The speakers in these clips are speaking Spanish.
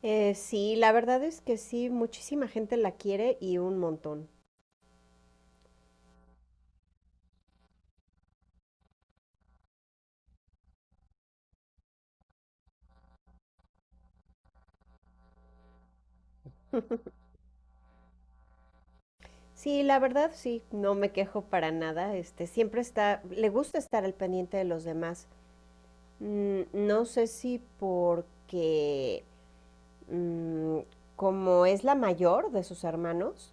Sí, la verdad es que sí, muchísima gente la quiere y un montón. Sí, la verdad sí, no me quejo para nada. Este, siempre está, le gusta estar al pendiente de los demás. No sé si porque mm, como es la mayor de sus hermanos,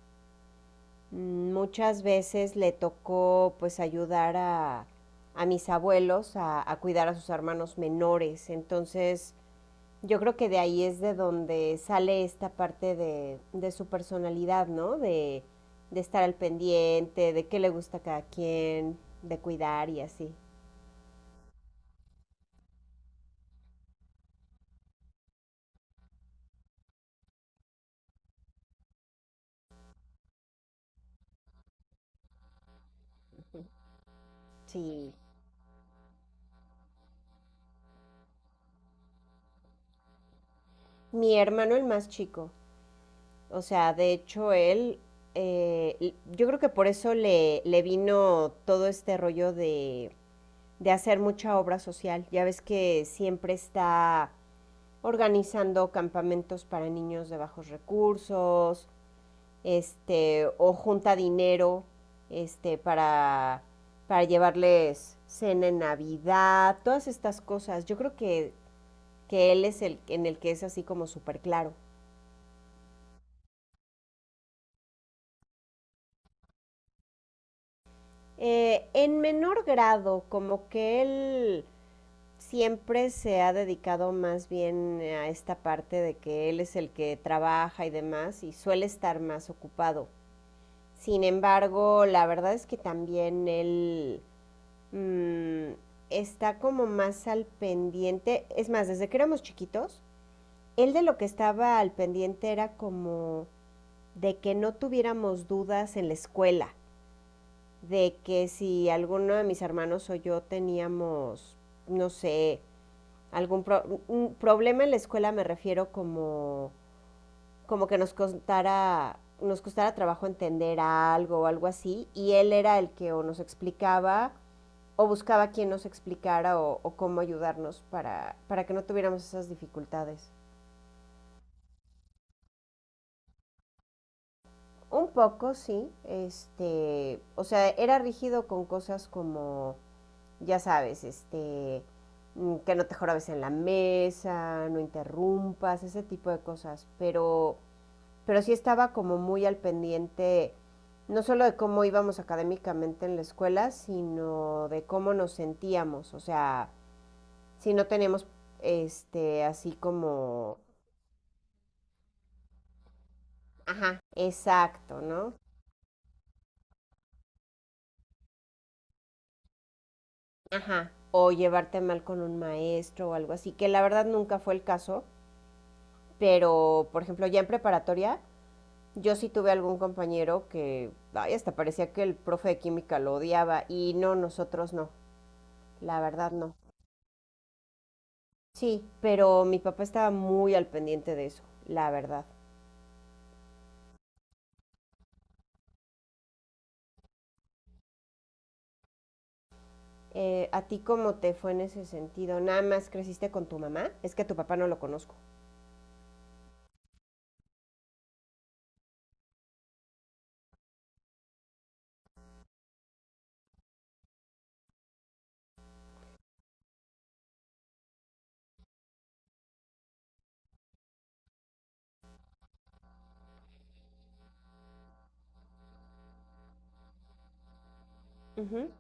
muchas veces le tocó pues ayudar a mis abuelos a cuidar a sus hermanos menores. Entonces, yo creo que de ahí es de donde sale esta parte de su personalidad, ¿no? De estar al pendiente, de qué le gusta a cada quien, de cuidar y así. Sí. Mi hermano, el más chico. O sea, de hecho, él, yo creo que por eso le vino todo este rollo de hacer mucha obra social. Ya ves que siempre está organizando campamentos para niños de bajos recursos, este, o junta dinero, este, para llevarles cena en Navidad, todas estas cosas. Yo creo que él es el en el que es así como súper claro. En menor grado, como que él siempre se ha dedicado más bien a esta parte de que él es el que trabaja y demás y suele estar más ocupado. Sin embargo, la verdad es que también él mm, está como más al pendiente. Es más, desde que éramos chiquitos, él de lo que estaba al pendiente era como de que no tuviéramos dudas en la escuela, de que si alguno de mis hermanos o yo teníamos, no sé, un problema en la escuela, me refiero como, como que nos costara trabajo entender algo o algo así, y él era el que o nos explicaba o buscaba quien nos explicara o cómo ayudarnos para que no tuviéramos esas dificultades. Un poco, sí. Este, o sea, era rígido con cosas como, ya sabes, este, que no te jorabes en la mesa, no interrumpas, ese tipo de cosas. Pero sí estaba como muy al pendiente, no solo de cómo íbamos académicamente en la escuela, sino de cómo nos sentíamos. O sea, si no tenemos este así como ajá, exacto, ¿no? Ajá. O llevarte mal con un maestro o algo así, que la verdad nunca fue el caso, pero por ejemplo, ya en preparatoria yo sí tuve algún compañero que ay, hasta parecía que el profe de química lo odiaba y no, nosotros no, la verdad no. Sí, pero mi papá estaba muy al pendiente de eso, la verdad. ¿A ti cómo te fue en ese sentido? ¿Nada más creciste con tu mamá? Es que a tu papá no lo conozco. Ujú.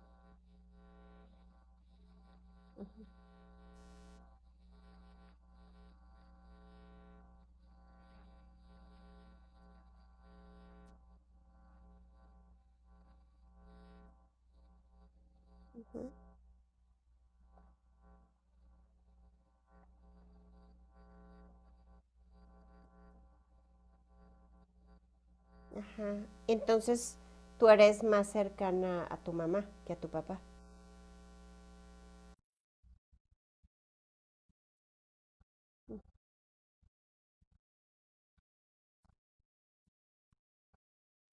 Ajá. Entonces, tú eres más cercana a tu mamá que a tu papá.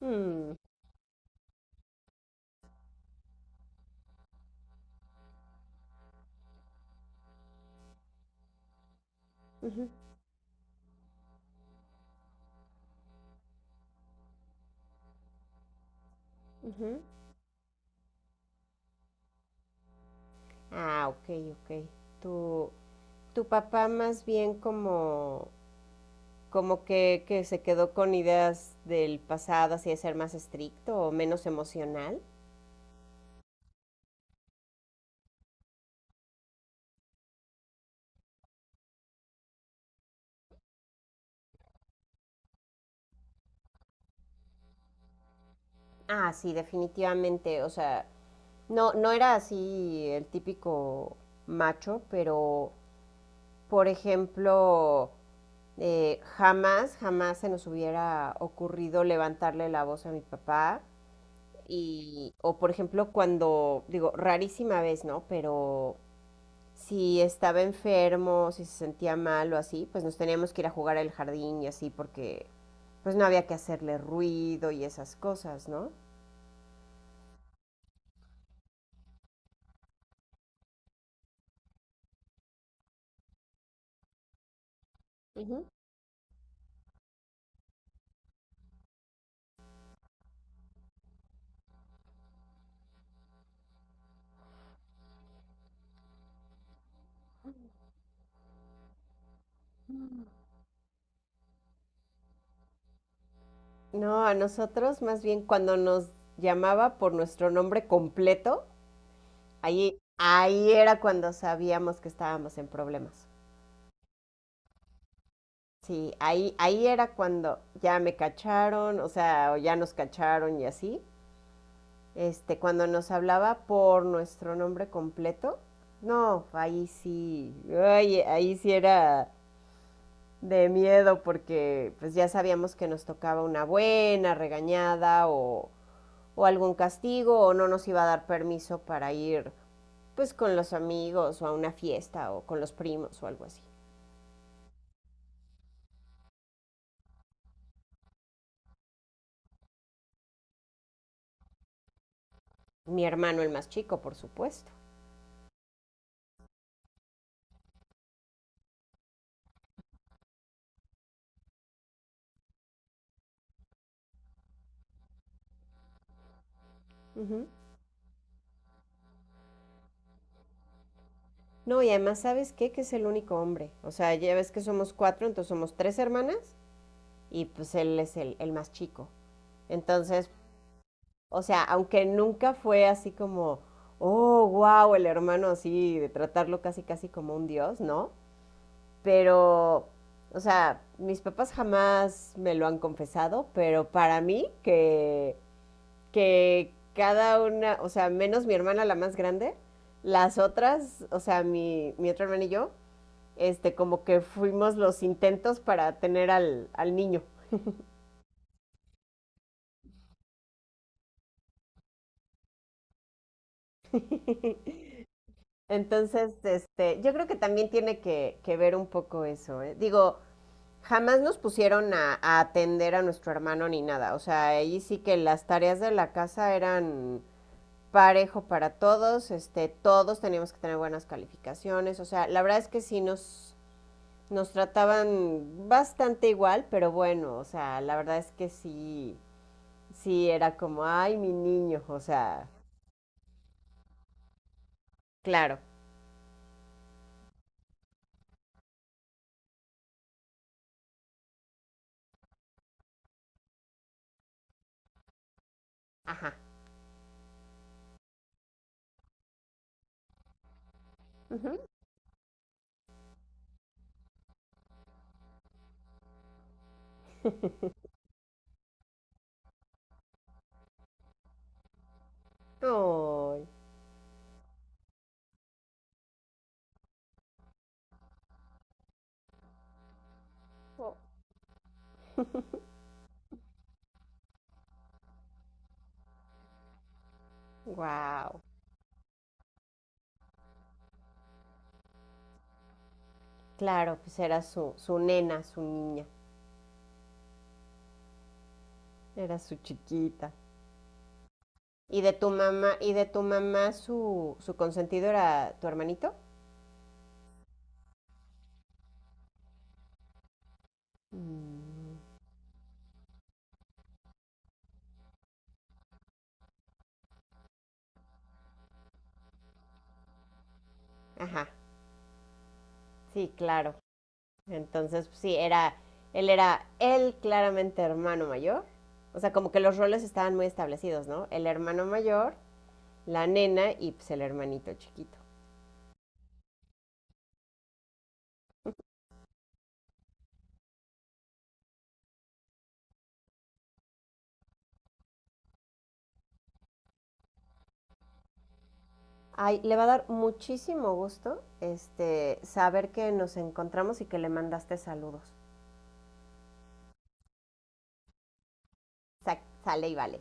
Mm, ujú, ujú. Ah, ok, ok. Tu, tu papá más bien como, como que se quedó con ideas del pasado, así de ser más estricto o menos emocional. Ah, sí, definitivamente. O sea, no, no era así el típico macho, pero, por ejemplo, eh, jamás, jamás se nos hubiera ocurrido levantarle la voz a mi papá. Y, o por ejemplo, cuando, digo, rarísima vez, ¿no? Pero si estaba enfermo, si se sentía mal o así, pues nos teníamos que ir a jugar al jardín y así porque pues no había que hacerle ruido y esas cosas, ¿no? Ujú. No, a nosotros más bien cuando nos llamaba por nuestro nombre completo, ahí, ahí era cuando sabíamos que estábamos en problemas. Sí, ahí, ahí era cuando ya me cacharon, o sea, o ya nos cacharon y así. Este, cuando nos hablaba por nuestro nombre completo, no, ahí sí, ay, ahí sí era de miedo porque pues ya sabíamos que nos tocaba una buena regañada o algún castigo o no nos iba a dar permiso para ir pues con los amigos o a una fiesta o con los primos o algo así. Mi hermano el más chico, por supuesto. Ujú. No, y además, ¿sabes qué? Que es el único hombre. O sea, ya ves que somos cuatro, entonces somos tres hermanas y pues él es el más chico. Entonces, o sea, aunque nunca fue así como, oh, wow, el hermano así, de tratarlo casi, casi como un dios, ¿no? Pero, o sea, mis papás jamás me lo han confesado, pero para mí que cada una, o sea, menos mi hermana la más grande, las otras, o sea, mi otra hermana y yo, este, como que fuimos los intentos para tener al niño. Entonces, este, yo creo que también tiene que ver un poco eso. ¿Eh? Digo, jamás nos pusieron atender a nuestro hermano ni nada. O sea, ahí sí que las tareas de la casa eran parejo para todos, este, todos teníamos que tener buenas calificaciones. O sea, la verdad es que sí nos trataban bastante igual, pero bueno, o sea, la verdad es que sí, sí era como, ay, mi niño, o sea, claro, ajá. Ujú. Ay, oh, wow. Claro, pues era su, su nena, su niña, era su chiquita. ¿Y de tu mamá, y de tu mamá su, su consentido era tu hermanito? Mm. Ajá, sí, claro. Entonces, pues, sí, era, él claramente hermano mayor. O sea, como que los roles estaban muy establecidos, ¿no? El hermano mayor, la nena y pues el hermanito chiquito. Ay, le va a dar muchísimo gusto este, saber que nos encontramos y que le mandaste saludos. Sale y vale.